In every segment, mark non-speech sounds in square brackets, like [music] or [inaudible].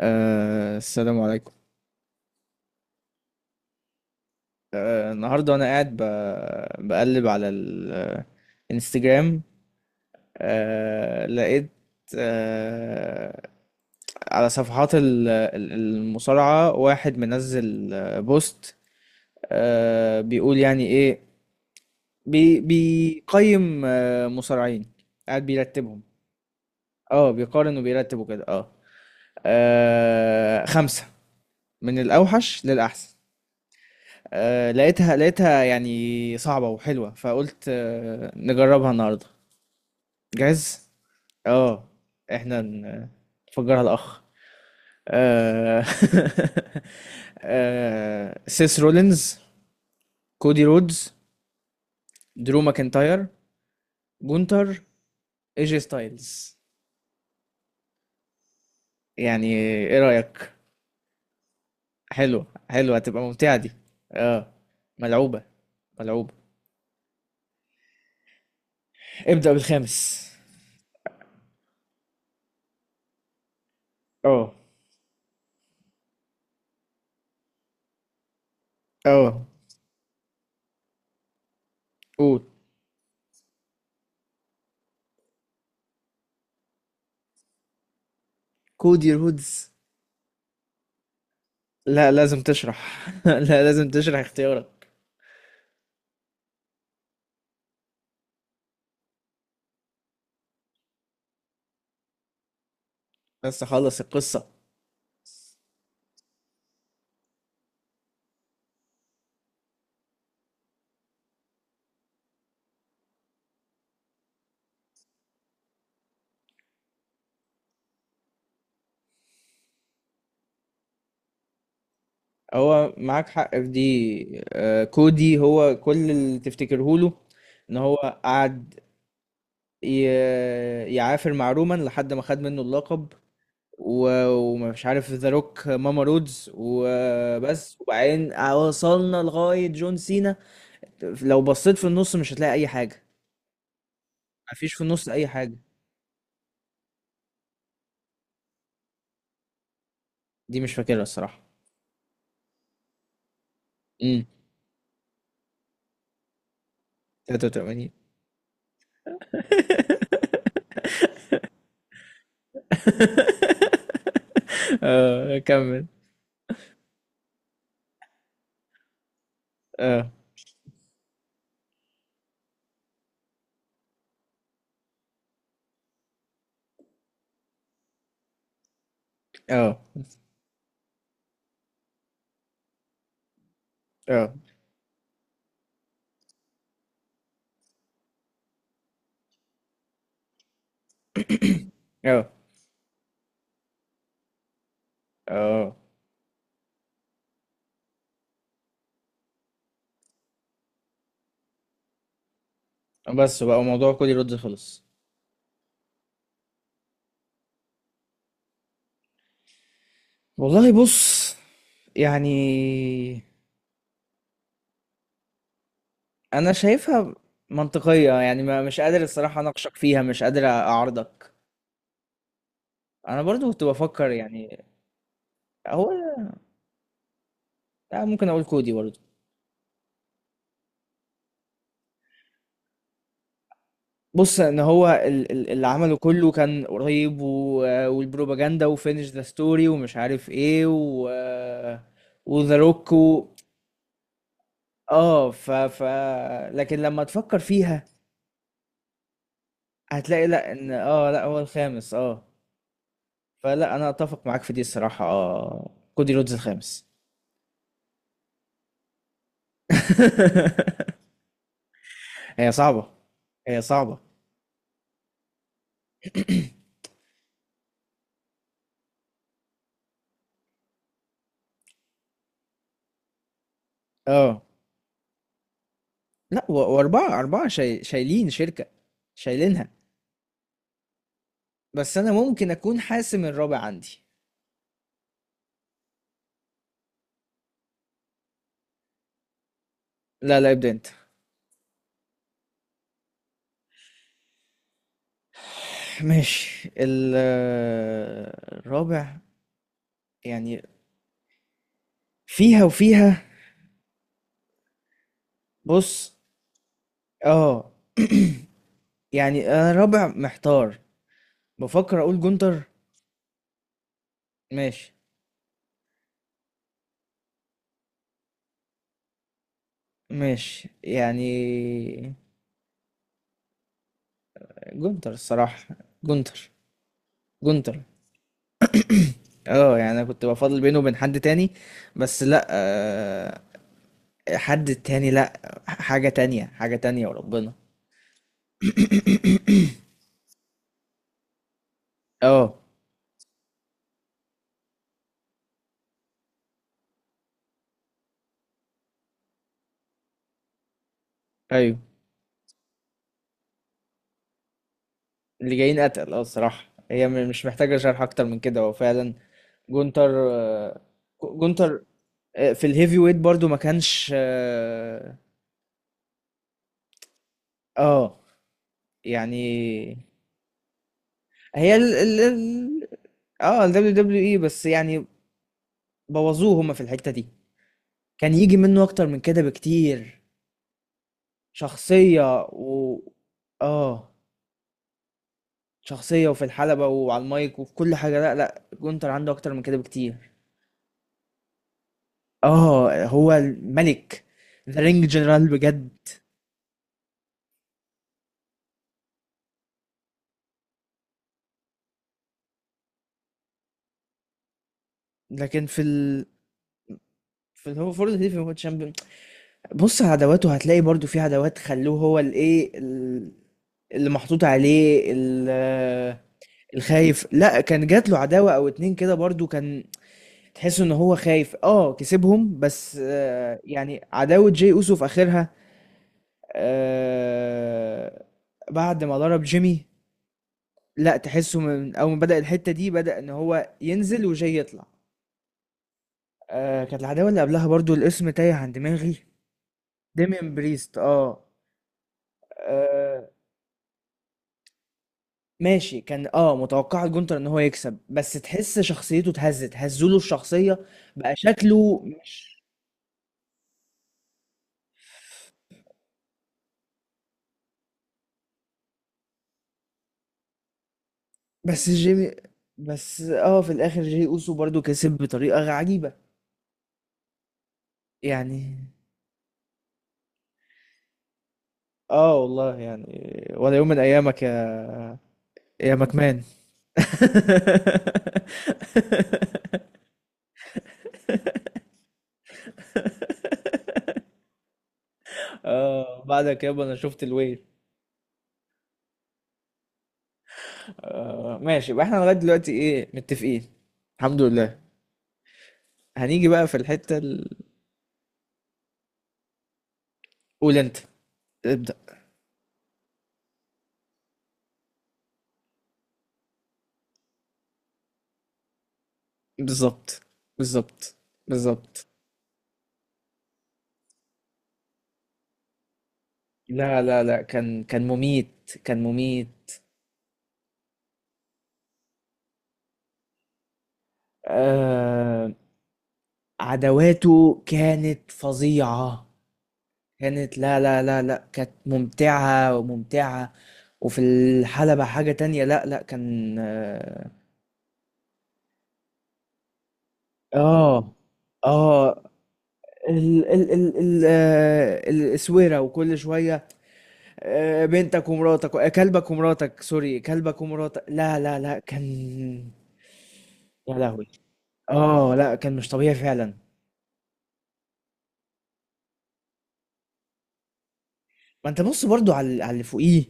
السلام عليكم. النهارده وانا قاعد بقلب على الانستجرام. لقيت آه على صفحات المصارعة واحد منزل، بوست. بيقول يعني ايه. بيقيم مصارعين، قاعد بيرتبهم. اه، بيقارن وبيرتبه كده، اه. خمسة، من الأوحش للأحسن. آه لقيتها يعني صعبة وحلوة، فقلت نجربها النهاردة. جاهز؟ اه. احنا نفجرها الأخ. آه. [laughs] سيس رولينز، كودي رودز، درو ماكنتاير، جونتر، ايجي ستايلز. يعني ايه رأيك؟ حلوة، حلوة، هتبقى ممتعة دي. اه، ملعوبة، ملعوبة. ابدأ بالخامس. اه، اه. قول. كودي رودز. لا لازم تشرح، [laughs] لا لازم تشرح اختيارك. بس خلص القصة. هو معاك حق في دي، كودي هو كل اللي تفتكره له. ان هو قعد يعافر مع رومان لحد ما خد منه اللقب. ومش عارف ذا روك ماما رودز وبس، وبعدين وصلنا لغاية جون سينا. لو بصيت في النص مش هتلاقي اي حاجة. مفيش في النص اي حاجة. دي مش فاكرها الصراحة. امم. 83. [laughs] اه كمل. اه، اه، اه، اه، اه. بس بقى موضوع كودي رودز خلص. والله بص، يعني انا شايفها منطقية، يعني ما مش قادر الصراحة اناقشك فيها، مش قادر اعارضك. انا برضو كنت بفكر يعني. هو أنا ممكن اقول كودي برضو. بص ان هو اللي عمله كله كان قريب، والبروباجندا وفينش ذا ستوري ومش عارف ايه، و وذا روك. اه، ف لكن لما تفكر فيها هتلاقي لا، ان اه لا هو الخامس اه. فلا، انا اتفق معاك في دي الصراحة، اه كودي رودز الخامس. [laughs] هي صعبة، هي صعبة. اه لا، واربعة، اربعة شايلين شركة، شايلينها. بس انا ممكن اكون حاسم الرابع عندي. لا لا ابدا انت. ماشي. الرابع يعني، فيها وفيها. بص، اه. [clears throat] يعني انا رابع محتار، بفكر اقول جونتر. ماشي، ماشي يعني. جونتر الصراحة. جونتر، جونتر. اه يعني انا كنت بفضل بينه وبين حد تاني، بس لا حد تاني لا، حاجة تانية، حاجة تانية وربنا. [coughs] اه ايوه. اللي جايين قتل اه الصراحة. هي مش محتاجة شرح اكتر من كده، هو فعلا جونتر. جونتر. في الهيفي ويت برضو ما كانش اه. آه، يعني. هي ال اه ال دبليو دبليو اي بس، يعني بوظوه هما في الحتة دي. كان يجي منه اكتر من كده بكتير. شخصية و اه، شخصية وفي الحلبة وعلى المايك وفي كل حاجة. لا لا، جونتر عنده اكتر من كده بكتير. اه، هو الملك، ذا رينج جنرال بجد. لكن في ال، في اللي هو فورد هيفي هو تشامبيون. بص على عداواته هتلاقي برضو في عداوات خلوه هو الايه اللي محطوط عليه الخايف. لا، كان جات له عداوة او اتنين كده برضو، كان تحس ان هو خايف، اه كسبهم بس، يعني عداوة جاي اوسو في اخرها. آه، بعد ما ضرب جيمي. لا تحسه من اول ما بدأ الحتة دي، بدأ ان هو ينزل وجاي يطلع. كانت العداوة اللي قبلها برضو، الاسم تايه عن دماغي. ديمين بريست اه. آه، ماشي، كان اه متوقع جونتر ان هو يكسب، بس تحس شخصيته اتهزت، هزوله الشخصية. بقى شكله مش. بس جيمي، بس اه في الاخر جي اوسو برضو كسب بطريقة عجيبة. يعني اه والله يعني، ولا يوم من ايامك يا يا مكمان. [laughs] اه بعدك يابا انا شفت الويل. آه ماشي، يبقى احنا لغاية دلوقتي ايه، متفقين. الحمد لله. هنيجي بقى في الحتة قول انت، ابدأ. بالظبط، بالظبط، بالظبط. لا لا لا، كان كان مميت، كان مميت. آه، عدواته كانت فظيعة، كانت لا لا لا لا، كانت ممتعة وممتعة. وفي الحلبة حاجة تانية، لا لا كان. اه اه، ال الاسوره وكل شويه، بنتك ومراتك، كلبك ومراتك، سوري كلبك ومراتك. لا لا لا، كان يا لهوي. اه لا كان مش طبيعي فعلا. ما انت بص برضو على على اللي فوقيه،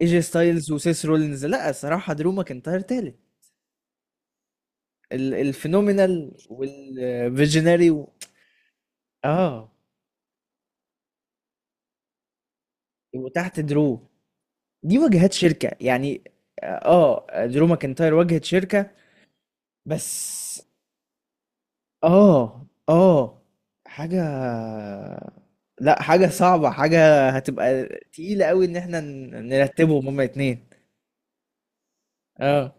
ايجي ستايلز وسيس رولينز. لا الصراحه درو ماكنتاير تالت. الفينومينال والفيجنري. اه. وتحت درو دي واجهات شركه يعني. اه، درو ماكنتاير واجهه شركه بس. اه اه، حاجه، لا حاجه صعبه، حاجه هتبقى تقيله قوي ان احنا نرتبهم هما اتنين. اه،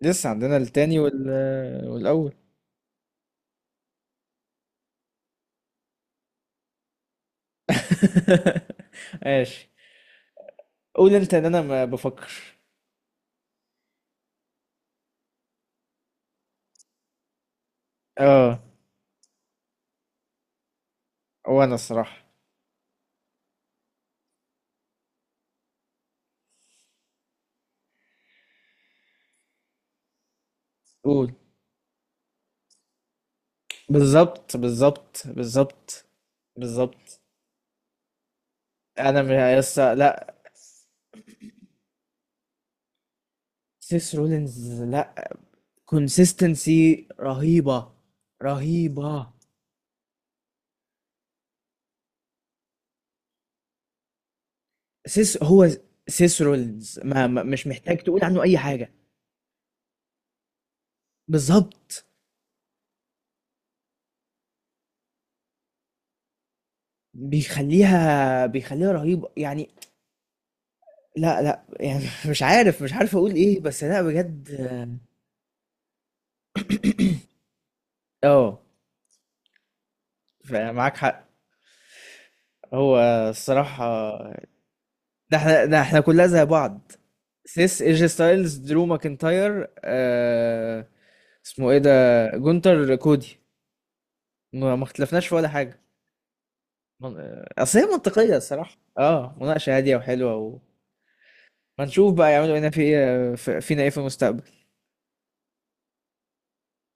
لسه عندنا التاني والاول. [laughs] ماشي، قول انت ان انا ما بفكر. اه وانا الصراحة. قول. بالظبط، بالظبط، بالظبط، بالظبط. انا لسه لا. سيس رولينز لا، كونسيستنسي رهيبة، رهيبة. سيس هو، سيس رولينز مش محتاج تقول عنه اي حاجة. بالظبط. بيخليها، بيخليها رهيبة يعني. لا لا يعني، [laughs] مش عارف، مش عارف اقول ايه، بس لا بجد. اه فمعاك حق. هو الصراحة. ده احنا، ده احنا كلها زي بعض. سيس، ايجي ستايلز، درو ماكنتاير، آه اسمه ايه ده، جونتر، كودي. ما اختلفناش في ولا حاجة. اصل هي منطقية الصراحة، اه مناقشة هادية وحلوة وما. نشوف بقى يعملوا هنا في ايه، فينا ايه في المستقبل.